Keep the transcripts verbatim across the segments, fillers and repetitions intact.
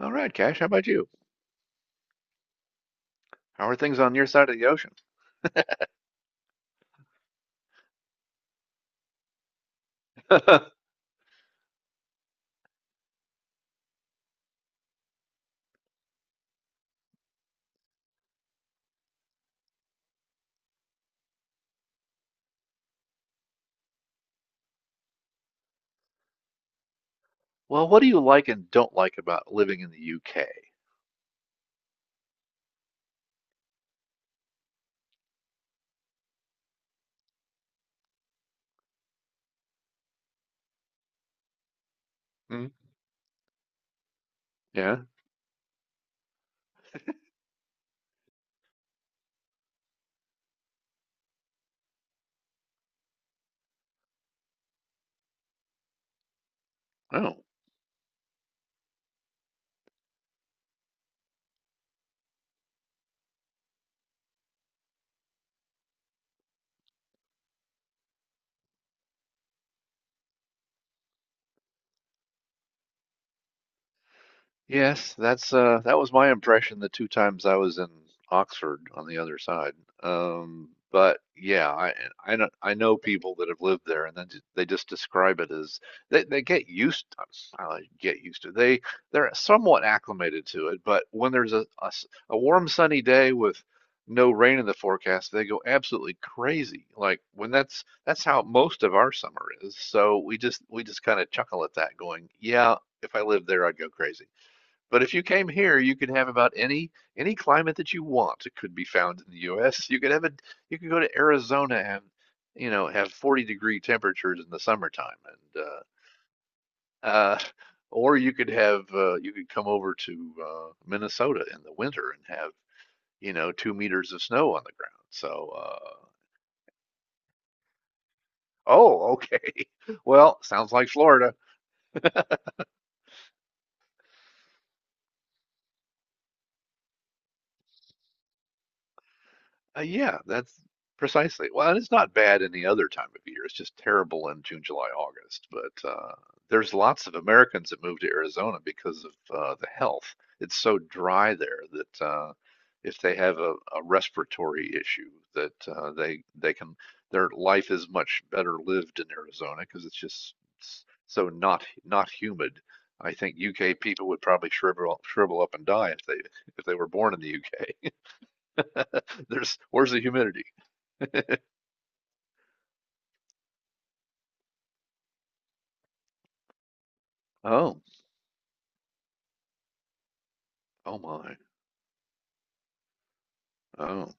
All right, Cash, how about you? How are things on your side of the ocean? Well, what do you like and don't like about living in the U K? Hmm? Yeah. Oh. Yes, that's uh that was my impression the two times I was in Oxford on the other side. Um, but yeah, I I know I know people that have lived there and then ju- they just describe it as they, they get used uh, get used to they they're somewhat acclimated to it, but when there's a, a s- a warm sunny day with no rain in the forecast, they go absolutely crazy. Like when that's that's how most of our summer is. So we just we just kind of chuckle at that going, yeah, if I lived there, I'd go crazy. But if you came here, you could have about any any climate that you want. It could be found in the U S. You could have a you could go to Arizona and, you know, have forty degree temperatures in the summertime, and uh, uh, or you could have uh, you could come over to uh, Minnesota in the winter and have, you know, two meters of snow on the ground. So uh, oh, okay, well, sounds like Florida. Uh, yeah, that's precisely. Well, and it's not bad any other time of year. It's just terrible in June, July, August. But uh, There's lots of Americans that move to Arizona because of uh, the health. It's so dry there that uh, if they have a, a respiratory issue, that uh, they they can their life is much better lived in Arizona because it's just s- so not not humid. I think U K people would probably shrivel shrivel up and die if they if they were born in the U K. There's where's the humidity? Oh, oh my. Oh,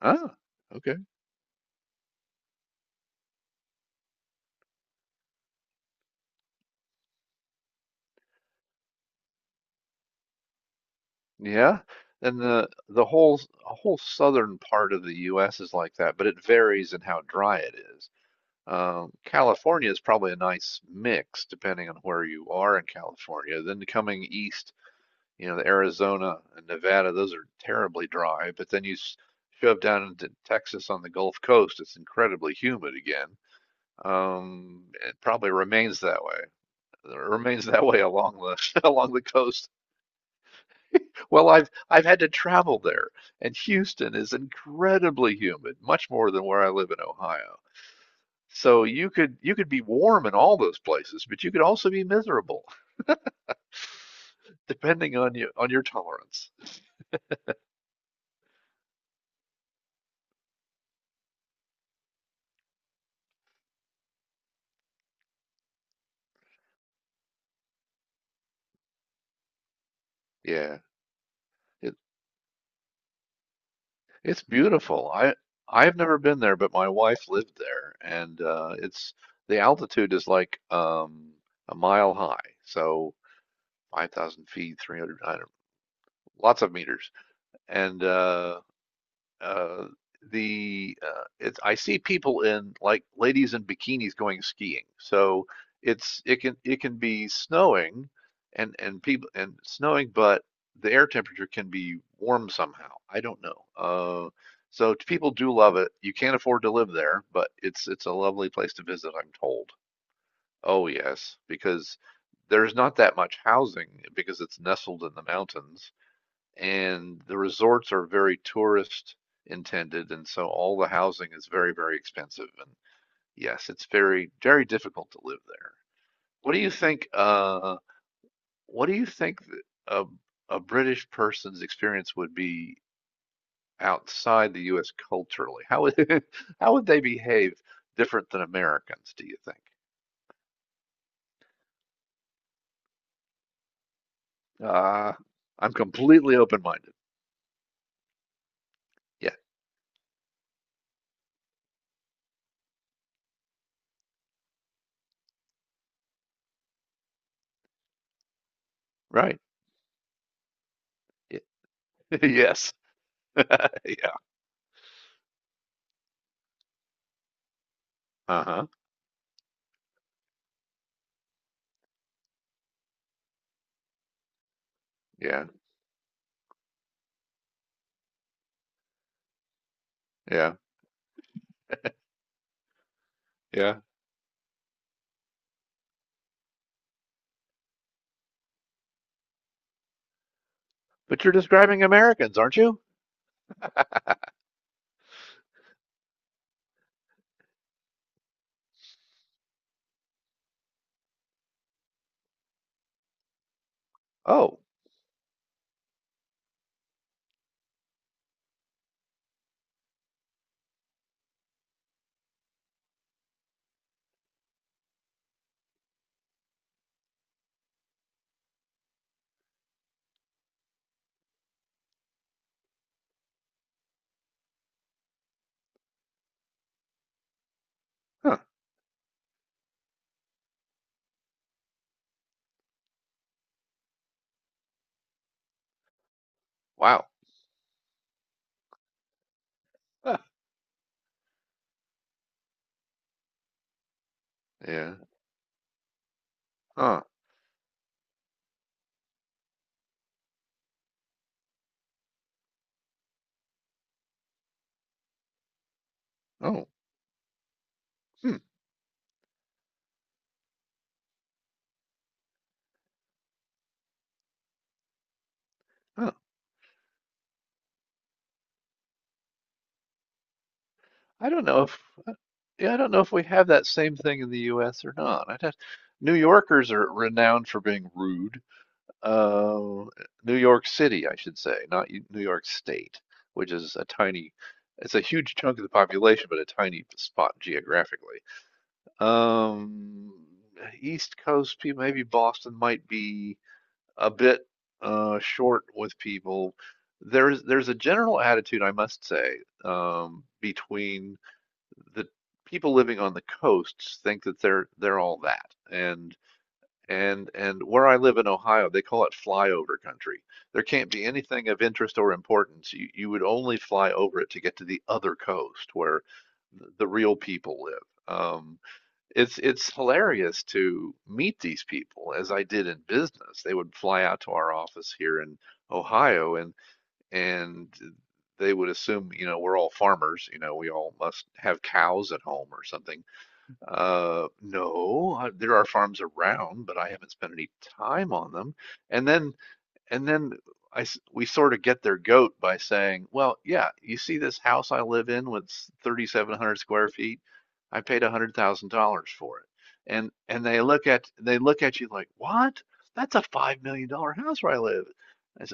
ah, okay, yeah. And the the whole whole southern part of the U S is like that, but it varies in how dry it is. Um, California is probably a nice mix depending on where you are in California. Then coming east, you know, the Arizona and Nevada, those are terribly dry. But then you s- shove down into Texas on the Gulf Coast, it's incredibly humid again. Um, it probably remains that way. It remains that way along the along the coast. Well, I've I've had to travel there, and Houston is incredibly humid, much more than where I live in Ohio. So you could you could be warm in all those places, but you could also be miserable, depending on you on your tolerance. Yeah, it it's beautiful. I I've never been there, but my wife lived there, and uh, it's the altitude is like, um, a mile high, so five thousand feet, three hundred. Lots of meters. And uh uh the uh It's, I see people, in like ladies in bikinis going skiing, so it's it can, it can be snowing and and people and snowing, but the air temperature can be warm somehow. I don't know, uh so people do love it. You can't afford to live there, but it's it's a lovely place to visit, I'm told. Oh, yes, because there's not that much housing because it's nestled in the mountains, and the resorts are very tourist intended, and so all the housing is very, very expensive. And yes, it's very, very difficult to live there. What do you think, uh what do you think th- a, a British person's experience would be outside the U S culturally? How would how would they behave different than Americans, do you think? uh I'm completely open-minded. Yeah, right, yeah. Yes, yeah, uh-huh, yeah, yeah, yeah. But you're describing Americans, aren't you? Oh, huh. Wow. Huh. Yeah. Huh. Oh. Hmm. Huh. I don't know if Yeah, I don't know if we have that same thing in the U S or not. I'd have, New Yorkers are renowned for being rude. Uh, New York City, I should say, not New York State, which is a tiny, it's a huge chunk of the population, but a tiny spot geographically. Um, East Coast people, maybe Boston might be a bit uh, short with people. There's there's a general attitude, I must say, um, between the people living on the coasts think that they're they're all that. And and and where I live in Ohio, they call it flyover country. There can't be anything of interest or importance. You you would only fly over it to get to the other coast where the real people live. Um, it's it's hilarious to meet these people as I did in business. They would fly out to our office here in Ohio and and they would assume, you know, we're all farmers, you know, we all must have cows at home or something. Uh, no, uh, there are farms around, but I haven't spent any time on them. And then and then I We sort of get their goat by saying, well, yeah, you see this house I live in with three thousand seven hundred square feet? I paid one hundred thousand dollars for it. And and they look at they look at you like, what? That's a five million dollar house where I live.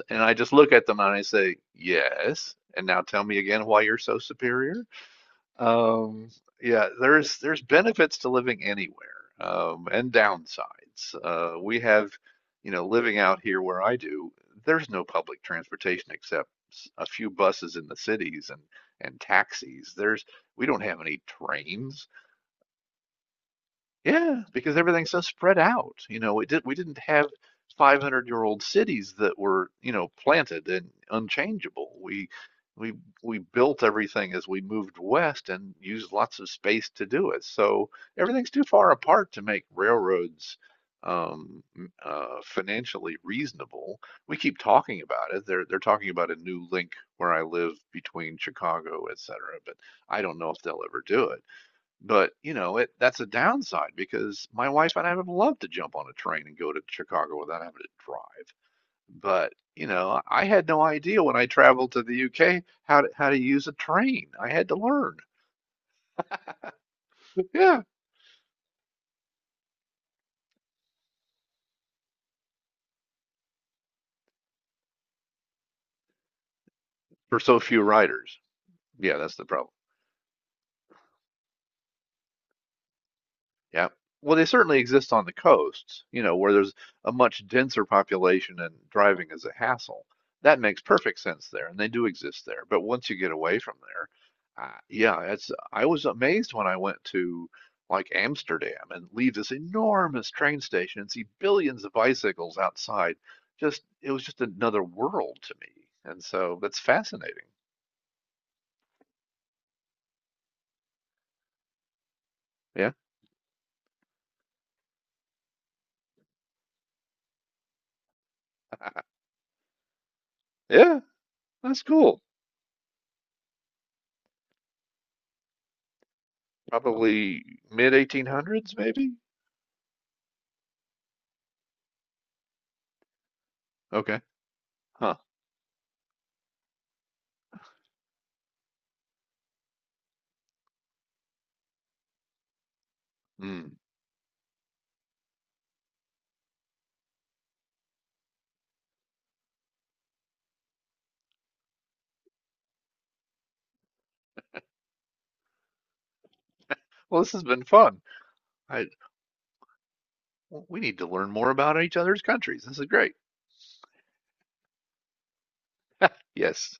And I just look at them and I say, yes. And now tell me again why you're so superior. Um, yeah, there's there's benefits to living anywhere, um, and downsides. Uh, we have, you know, living out here where I do, there's no public transportation except s- a few buses in the cities and and taxis. There's We don't have any trains. Yeah, because everything's so spread out. You know, it did, we didn't have five hundred year old cities that were, you know, planted and unchangeable. We we we built everything as we moved west and used lots of space to do it. So everything's too far apart to make railroads, um, m- uh, financially reasonable. We keep talking about it. They're they're talking about a new link where I live between Chicago, et cetera, but I don't know if they'll ever do it. But you know, it that's a downside because my wife and I would love to jump on a train and go to Chicago without having to drive. But you know, I had no idea when I traveled to the U K how to how to use a train. I had to learn. Yeah, for so few riders. Yeah, that's the problem. Yeah. Well, they certainly exist on the coasts, you know, where there's a much denser population and driving is a hassle. That makes perfect sense there, and they do exist there. But once you get away from there, uh, yeah, it's, I was amazed when I went to like Amsterdam and leave this enormous train station and see billions of bicycles outside. Just, it was just another world to me. And so that's fascinating. Yeah. Yeah, that's cool. Probably mid eighteen hundreds, maybe? Okay. Huh. Mm. Well, this has been fun. I We need to learn more about each other's countries. This is great. Yes.